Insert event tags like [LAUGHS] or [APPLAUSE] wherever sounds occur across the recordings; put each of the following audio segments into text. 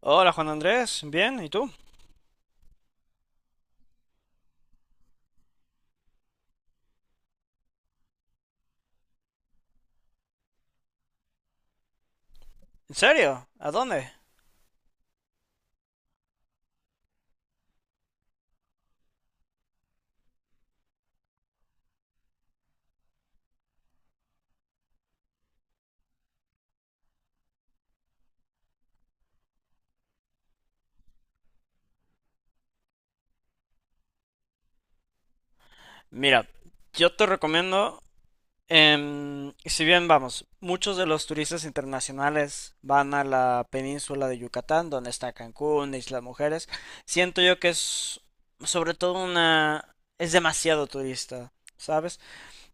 Hola Juan Andrés, bien, ¿y tú? ¿En serio? ¿A dónde? Mira, yo te recomiendo, si bien vamos, muchos de los turistas internacionales van a la península de Yucatán, donde está Cancún, Islas Mujeres, siento yo que es sobre todo es demasiado turista, ¿sabes?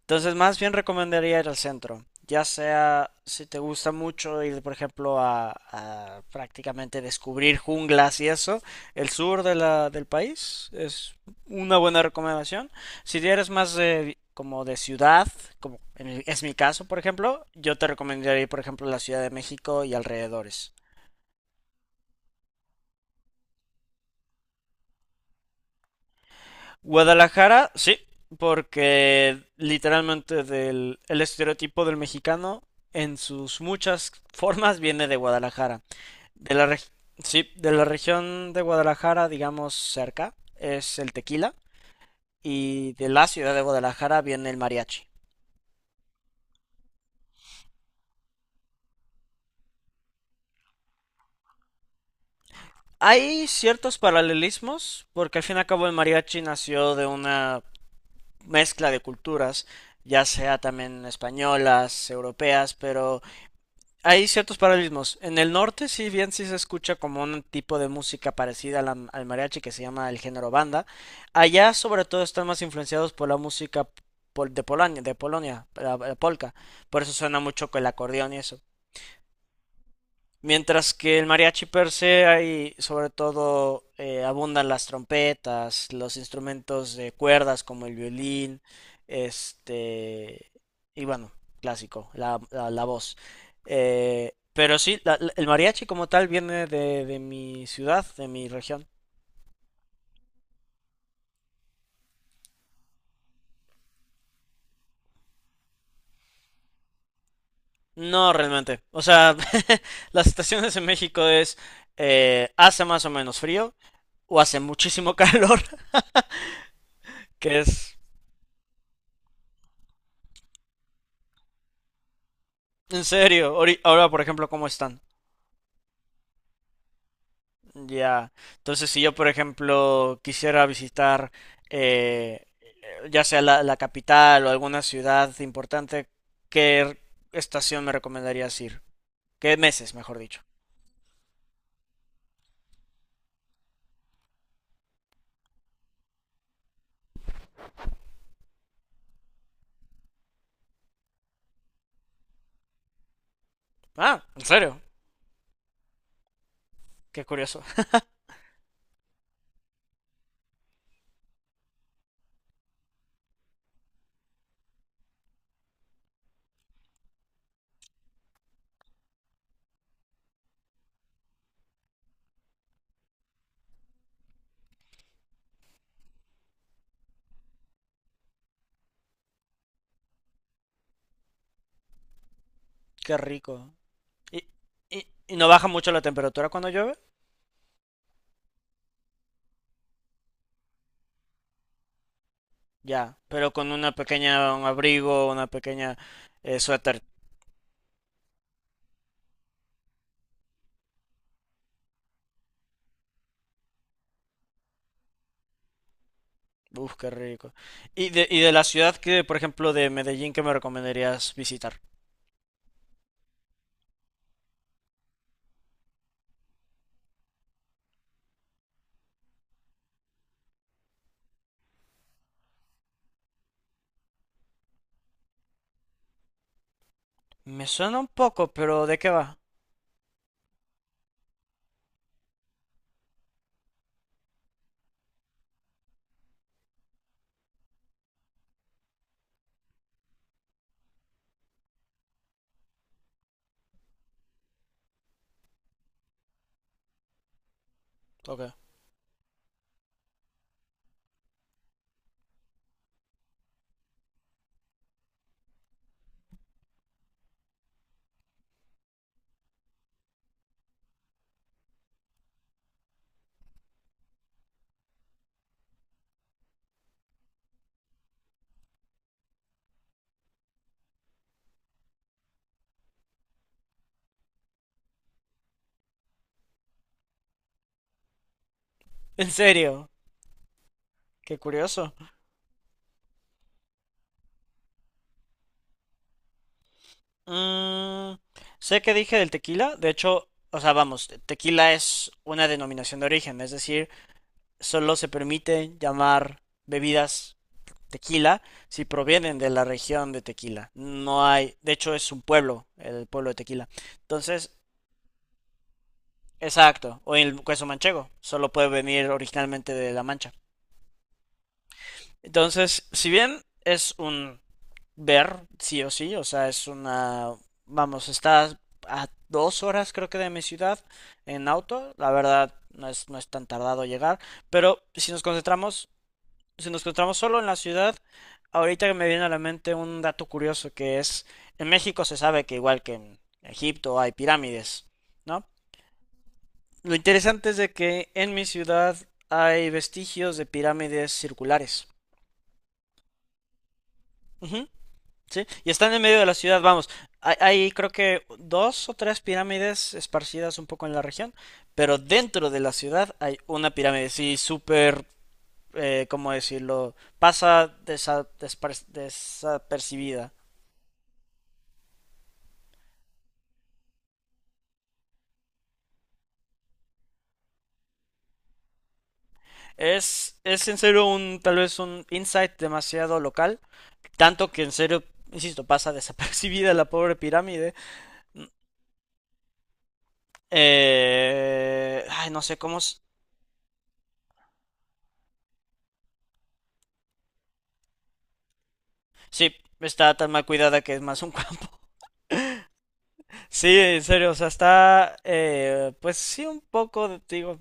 Entonces, más bien recomendaría ir al centro, ya sea si te gusta mucho ir, por ejemplo, a prácticamente descubrir junglas y eso, el sur de del país es una buena recomendación. Si eres más de, como de ciudad, como es mi caso, por ejemplo, yo te recomendaría ir, por ejemplo, a la Ciudad de México y alrededores. Guadalajara, sí, porque literalmente el estereotipo del mexicano en sus muchas formas viene de Guadalajara. De la reg- sí, de la región de Guadalajara, digamos cerca, es el tequila y de la ciudad de Guadalajara viene el mariachi. Hay ciertos paralelismos porque al fin y al cabo el mariachi nació de una mezcla de culturas, ya sea también españolas, europeas, pero hay ciertos paralelismos. En el norte, sí, bien, sí se escucha como un tipo de música parecida a al mariachi que se llama el género banda. Allá, sobre todo, están más influenciados por la música de Polonia, la polka. Por eso suena mucho con el acordeón y eso. Mientras que el mariachi per se hay sobre todo, abundan las trompetas, los instrumentos de cuerdas como el violín, este y bueno, clásico, la voz. Pero sí, el mariachi como tal viene de mi ciudad, de mi región. No, realmente. O sea, [LAUGHS] las estaciones en México es hace más o menos frío o hace muchísimo calor, [LAUGHS] que es en serio. Ahora, por ejemplo, ¿cómo están? Ya, entonces si yo, por ejemplo, quisiera visitar eh, ya sea la capital o alguna ciudad importante, ¿qué estación me recomendarías ir? ¿Qué meses, mejor dicho? Ah, ¿en serio? Qué curioso. [LAUGHS] Qué rico. ¿Y, y no baja mucho la temperatura cuando llueve? Ya, pero con una pequeña, un abrigo, una pequeña suéter. Uf, qué rico. ¿Y de la ciudad que, por ejemplo, de Medellín, que me recomendarías visitar? Me suena un poco, pero ¿de qué va? Ok. [LAUGHS] En serio, qué curioso. Mm, sé que dije del tequila, de hecho, o sea, vamos, tequila es una denominación de origen, es decir, solo se permite llamar bebidas tequila si provienen de la región de Tequila. No hay, de hecho, es un pueblo, el pueblo de Tequila. Entonces, exacto, o el queso manchego, solo puede venir originalmente de La Mancha. Entonces, si bien es sí o sí, o sea, es una, vamos, está a 2 horas creo que de mi ciudad en auto, la verdad no es tan tardado llegar, pero si nos concentramos solo en la ciudad, ahorita que me viene a la mente un dato curioso que es, en México se sabe que igual que en Egipto hay pirámides, ¿no? Lo interesante es de que en mi ciudad hay vestigios de pirámides circulares. Ujú. Sí, y están en medio de la ciudad, vamos. Hay creo que 2 o 3 pirámides esparcidas un poco en la región, pero dentro de la ciudad hay una pirámide, sí, súper, ¿cómo decirlo? Pasa desapercibida. Es en serio un, tal vez un insight demasiado local, tanto que en serio, insisto, pasa [LAUGHS] desapercibida la pobre pirámide. Ay, no sé cómo. Sí, está tan mal cuidada que es más un [LAUGHS] Sí, en serio, o sea, está, pues sí, un poco, digo,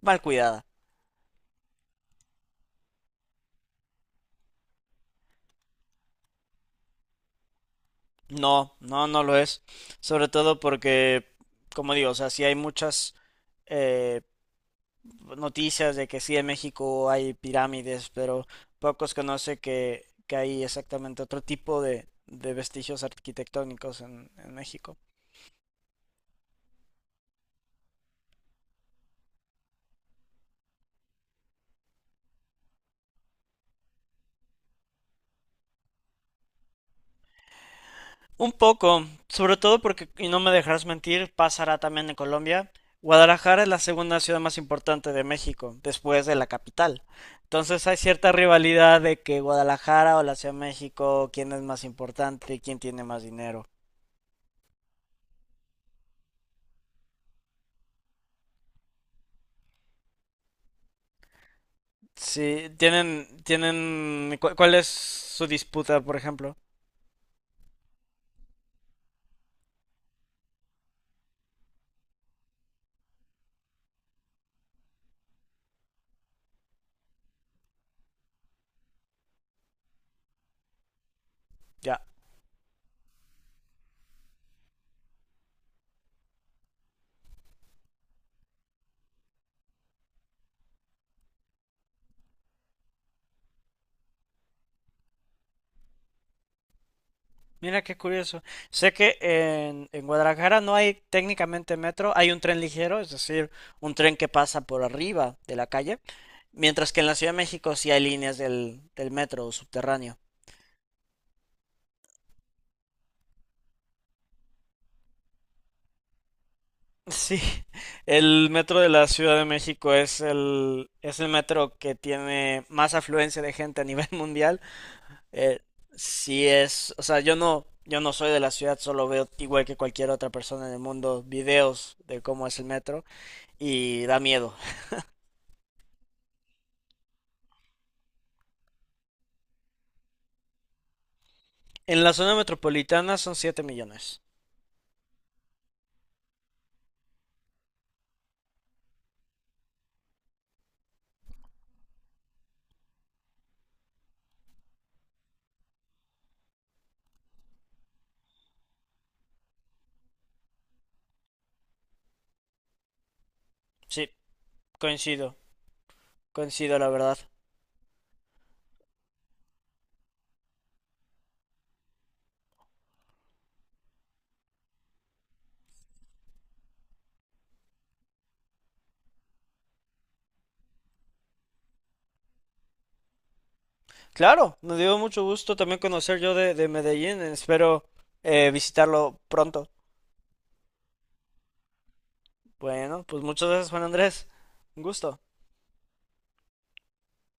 mal cuidada. No, no, no lo es. Sobre todo porque, como digo, o sea, sí hay muchas eh, noticias de que sí en México hay pirámides, pero pocos conocen que hay exactamente otro tipo de vestigios arquitectónicos en México. Un poco, sobre todo porque, y no me dejarás mentir, pasará también en Colombia. Guadalajara es la segunda ciudad más importante de México, después de la capital. Entonces hay cierta rivalidad de que Guadalajara o la Ciudad de México, quién es más importante, quién tiene más dinero. Sí, tienen, ¿cuál es su disputa, por ejemplo? Ya. Mira qué curioso. Sé que en Guadalajara no hay técnicamente metro, hay un tren ligero, es decir, un tren que pasa por arriba de la calle. Mientras que en la Ciudad de México sí hay líneas del metro subterráneo. Sí, [LAUGHS] el metro de la Ciudad de México es el metro que tiene más afluencia de gente a nivel [LAUGHS] mundial. Eh, sí es, o sea, yo no soy de la ciudad, solo veo igual que cualquier otra persona en el mundo videos de cómo es el metro y da miedo. En la zona metropolitana son 7 millones. Sí, coincido, coincido la verdad. Claro, me dio mucho gusto también conocer yo de Medellín. Espero visitarlo pronto. Bueno, pues muchas gracias, Juan Andrés. Un gusto.